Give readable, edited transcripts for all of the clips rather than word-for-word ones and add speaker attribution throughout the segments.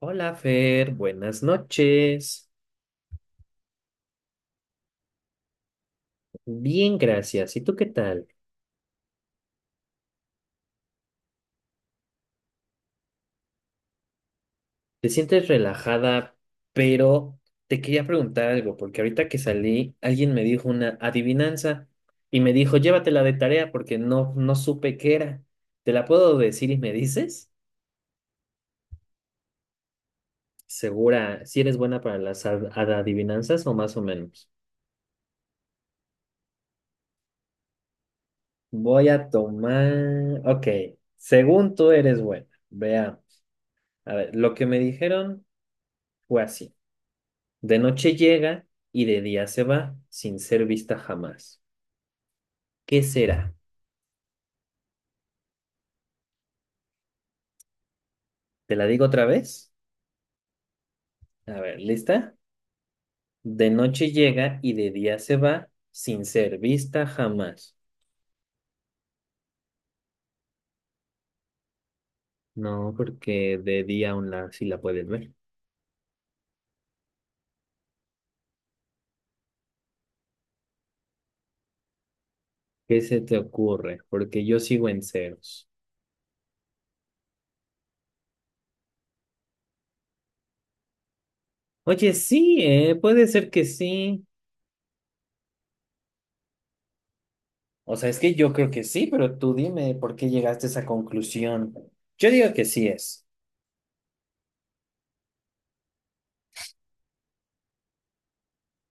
Speaker 1: Hola Fer, buenas noches. Bien, gracias. ¿Y tú qué tal? ¿Te sientes relajada? Pero te quería preguntar algo, porque ahorita que salí, alguien me dijo una adivinanza y me dijo, llévatela de tarea porque no supe qué era. ¿Te la puedo decir y me dices? Segura, si eres buena para las adivinanzas o más o menos. Voy a tomar. Ok, según tú eres buena. Veamos. A ver, lo que me dijeron fue así. De noche llega y de día se va, sin ser vista jamás. ¿Qué será? ¿Te la digo otra vez? A ver, ¿lista? De noche llega y de día se va, sin ser vista jamás. No, porque de día aún la, sí la puedes ver. ¿Qué se te ocurre? Porque yo sigo en ceros. Oye, sí, puede ser que sí. O sea, es que yo creo que sí, pero tú dime por qué llegaste a esa conclusión. Yo digo que sí es,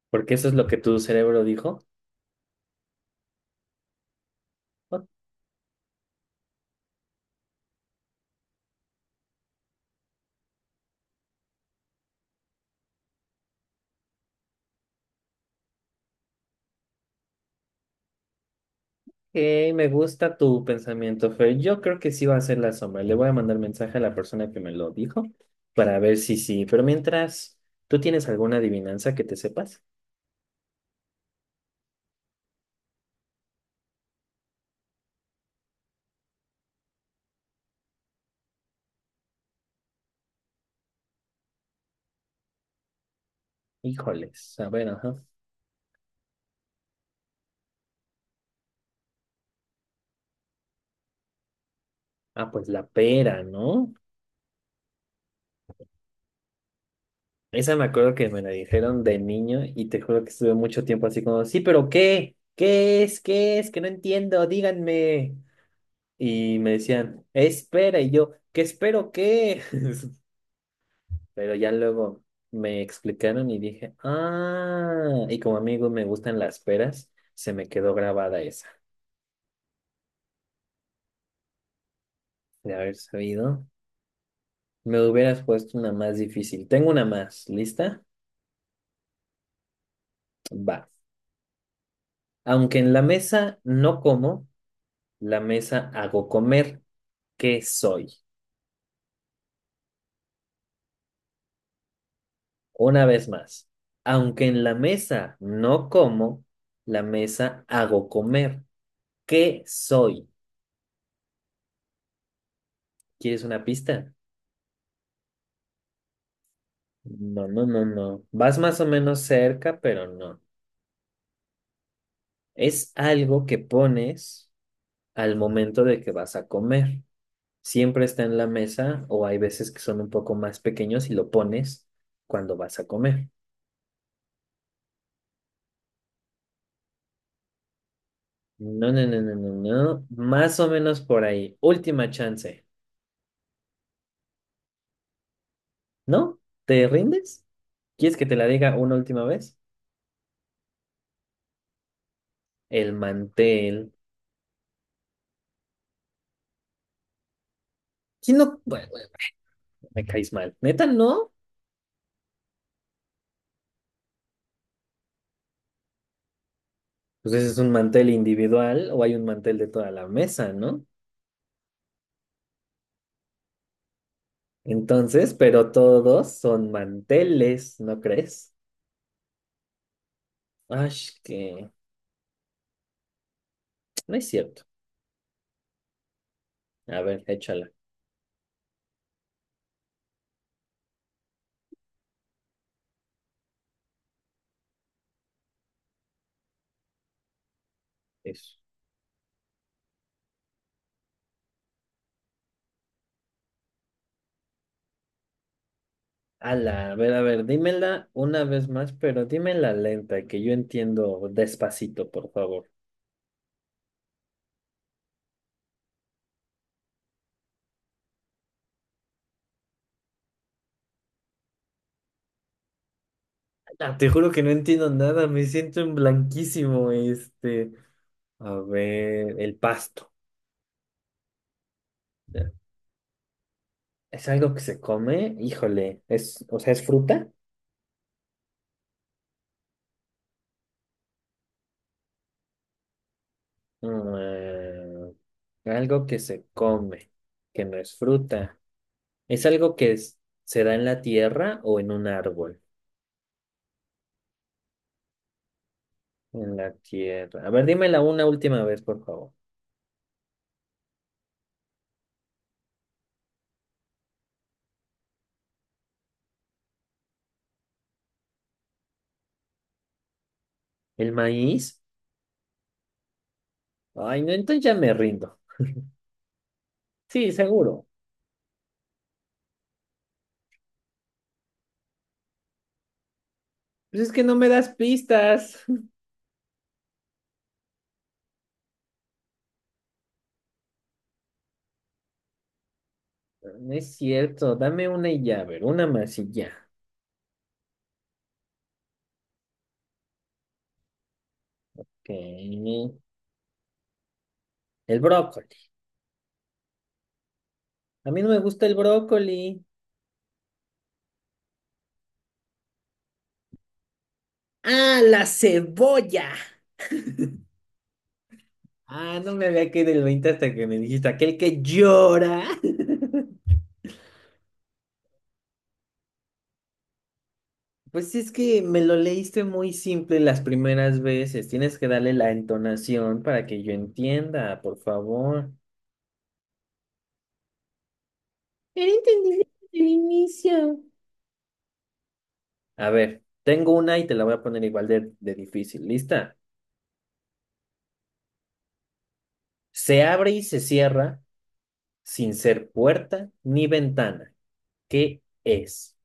Speaker 1: porque eso es lo que tu cerebro dijo. Ok, ok, me gusta tu pensamiento, Fer. Yo creo que sí va a ser la sombra. Le voy a mandar mensaje a la persona que me lo dijo para ver si sí. Pero mientras, ¿tú tienes alguna adivinanza que te sepas? Híjoles, a ver, ajá. Ah, pues la pera, ¿no? Esa me acuerdo que me la dijeron de niño y te juro que estuve mucho tiempo así como, sí, pero ¿qué? ¿Qué es? ¿Qué es? Que no entiendo, díganme. Y me decían, espera, y yo, ¿qué espero qué? Pero ya luego me explicaron y dije, ah, y como amigo me gustan las peras, se me quedó grabada esa de haber sabido. Me hubieras puesto una más difícil. Tengo una más, ¿lista? Va. Aunque en la mesa no como, la mesa hago comer. ¿Qué soy? Una vez más. Aunque en la mesa no como, la mesa hago comer. ¿Qué soy? ¿Quieres una pista? No, no, no, no. Vas más o menos cerca, pero no. Es algo que pones al momento de que vas a comer. Siempre está en la mesa o hay veces que son un poco más pequeños y lo pones cuando vas a comer. No, no, no, no, no, no. Más o menos por ahí. Última chance. ¿No? ¿Te rindes? ¿Quieres que te la diga una última vez? El mantel. ¿Quién no? Bueno, bueno, me caes mal. ¿Neta no? Pues ese es un mantel individual o hay un mantel de toda la mesa, ¿no? Entonces, pero todos son manteles, ¿no crees? Ay, que no es cierto. A ver, échala. Eso. Ala, a ver, dímela una vez más, pero dímela lenta, que yo entiendo despacito, por favor. Ala, te juro que no entiendo nada, me siento en blanquísimo, este. A ver, el pasto. ¿Es algo que se come? Híjole, es, o sea, ¿es fruta? Mm, algo que se come, que no es fruta. ¿Es algo que se da en la tierra o en un árbol? En la tierra. A ver, dímela una última vez, por favor. ¿El maíz? Ay, no, entonces ya me rindo. Sí, seguro. Pues es que no me das pistas. No es cierto, dame una y ya, a ver, una más y ya. Ok. El brócoli. A mí no me gusta el brócoli. ¡Ah, la cebolla! Ah, no me había quedado el 20 hasta que me dijiste aquel que llora. Pues sí, es que me lo leíste muy simple las primeras veces. Tienes que darle la entonación para que yo entienda, por favor. Era entendible desde el inicio. A ver, tengo una y te la voy a poner igual de difícil. ¿Lista? Se abre y se cierra sin ser puerta ni ventana. ¿Qué es?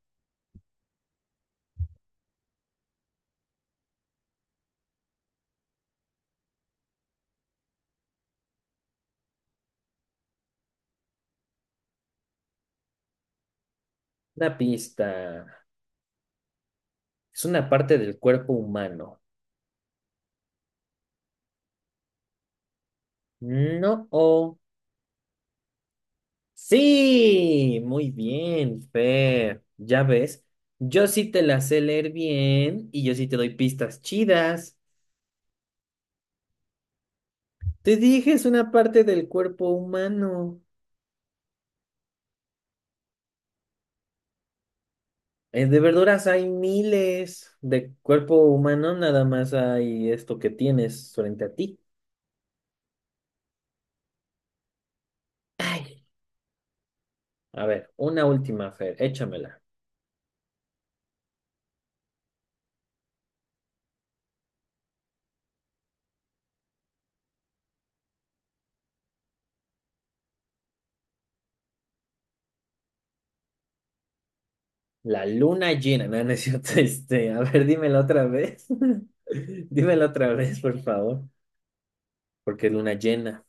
Speaker 1: Una pista. Es una parte del cuerpo humano. No. Sí, muy bien, Fer. Ya ves, yo sí te la sé leer bien y yo sí te doy pistas chidas. Te dije, es una parte del cuerpo humano. De verduras hay miles. De cuerpo humano nada más hay esto que tienes frente a ti. Ay, a ver, una última, Fer, échamela. La luna llena, no, no es cierto, este, a ver, dímela otra vez. Dímela otra vez, por favor, porque es luna llena.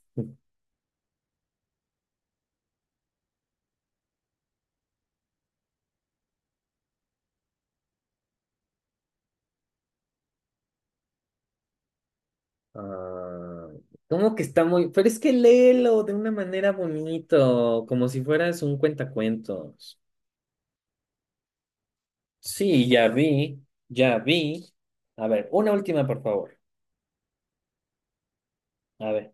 Speaker 1: Ah, ¿cómo que está muy? Pero es que léelo de una manera bonito, como si fueras un cuentacuentos. Sí, ya vi, ya vi. A ver, una última, por favor. A ver,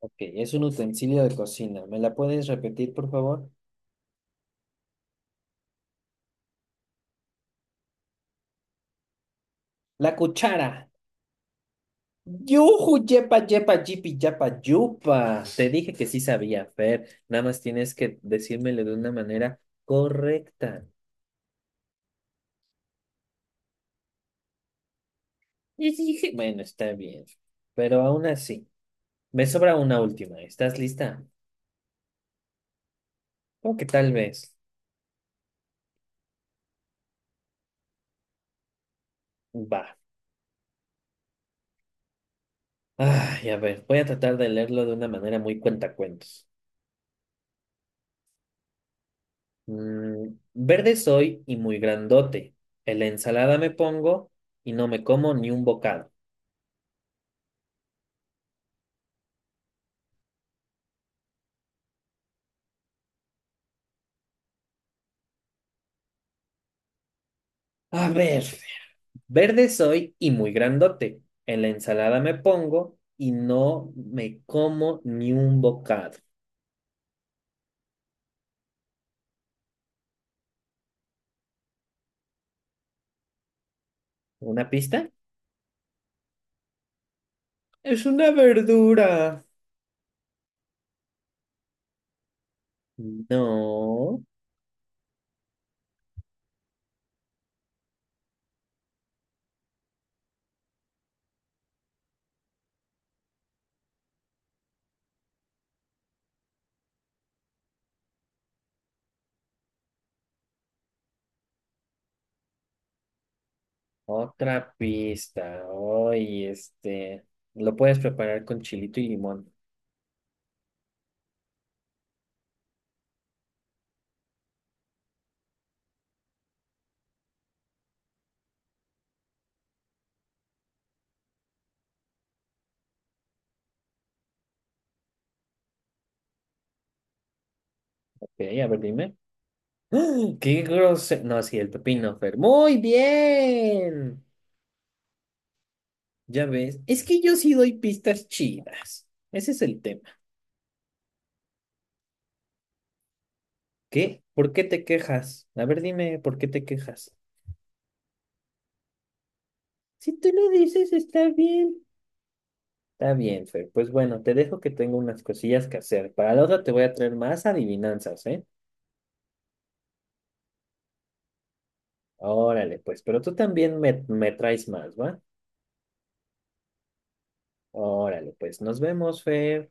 Speaker 1: ok, es un utensilio de cocina. ¿Me la puedes repetir, por favor? La cuchara. Yuju, yepa, yepa, yipi, yapa, yupa. Te dije que sí sabía, Fer. Nada más tienes que decírmelo de una manera correcta. Y dije, bueno, está bien, pero aún así. Me sobra una última. ¿Estás lista? O que tal vez. Va. Ay, a ver, voy a tratar de leerlo de una manera muy cuentacuentos. Verde soy y muy grandote. En la ensalada me pongo y no me como ni un bocado. A ver, verde soy y muy grandote. En la ensalada me pongo y no me como ni un bocado. ¿Una pista? Es una verdura. No. Otra pista. Hoy, este, lo puedes preparar con chilito y limón. Ok, a ver, dime. ¡Ah! ¡Qué grosero! No, sí, el pepino, Fer. Muy bien. Ya ves, es que yo sí doy pistas chidas. Ese es el tema. ¿Qué? ¿Por qué te quejas? A ver, dime, ¿por qué te quejas? Si tú lo dices, está bien. Está bien, Fer. Pues bueno, te dejo que tengo unas cosillas que hacer. Para la otra te voy a traer más adivinanzas, ¿eh? Órale, pues, pero tú también me traes más, ¿va? Órale, pues nos vemos, Fer.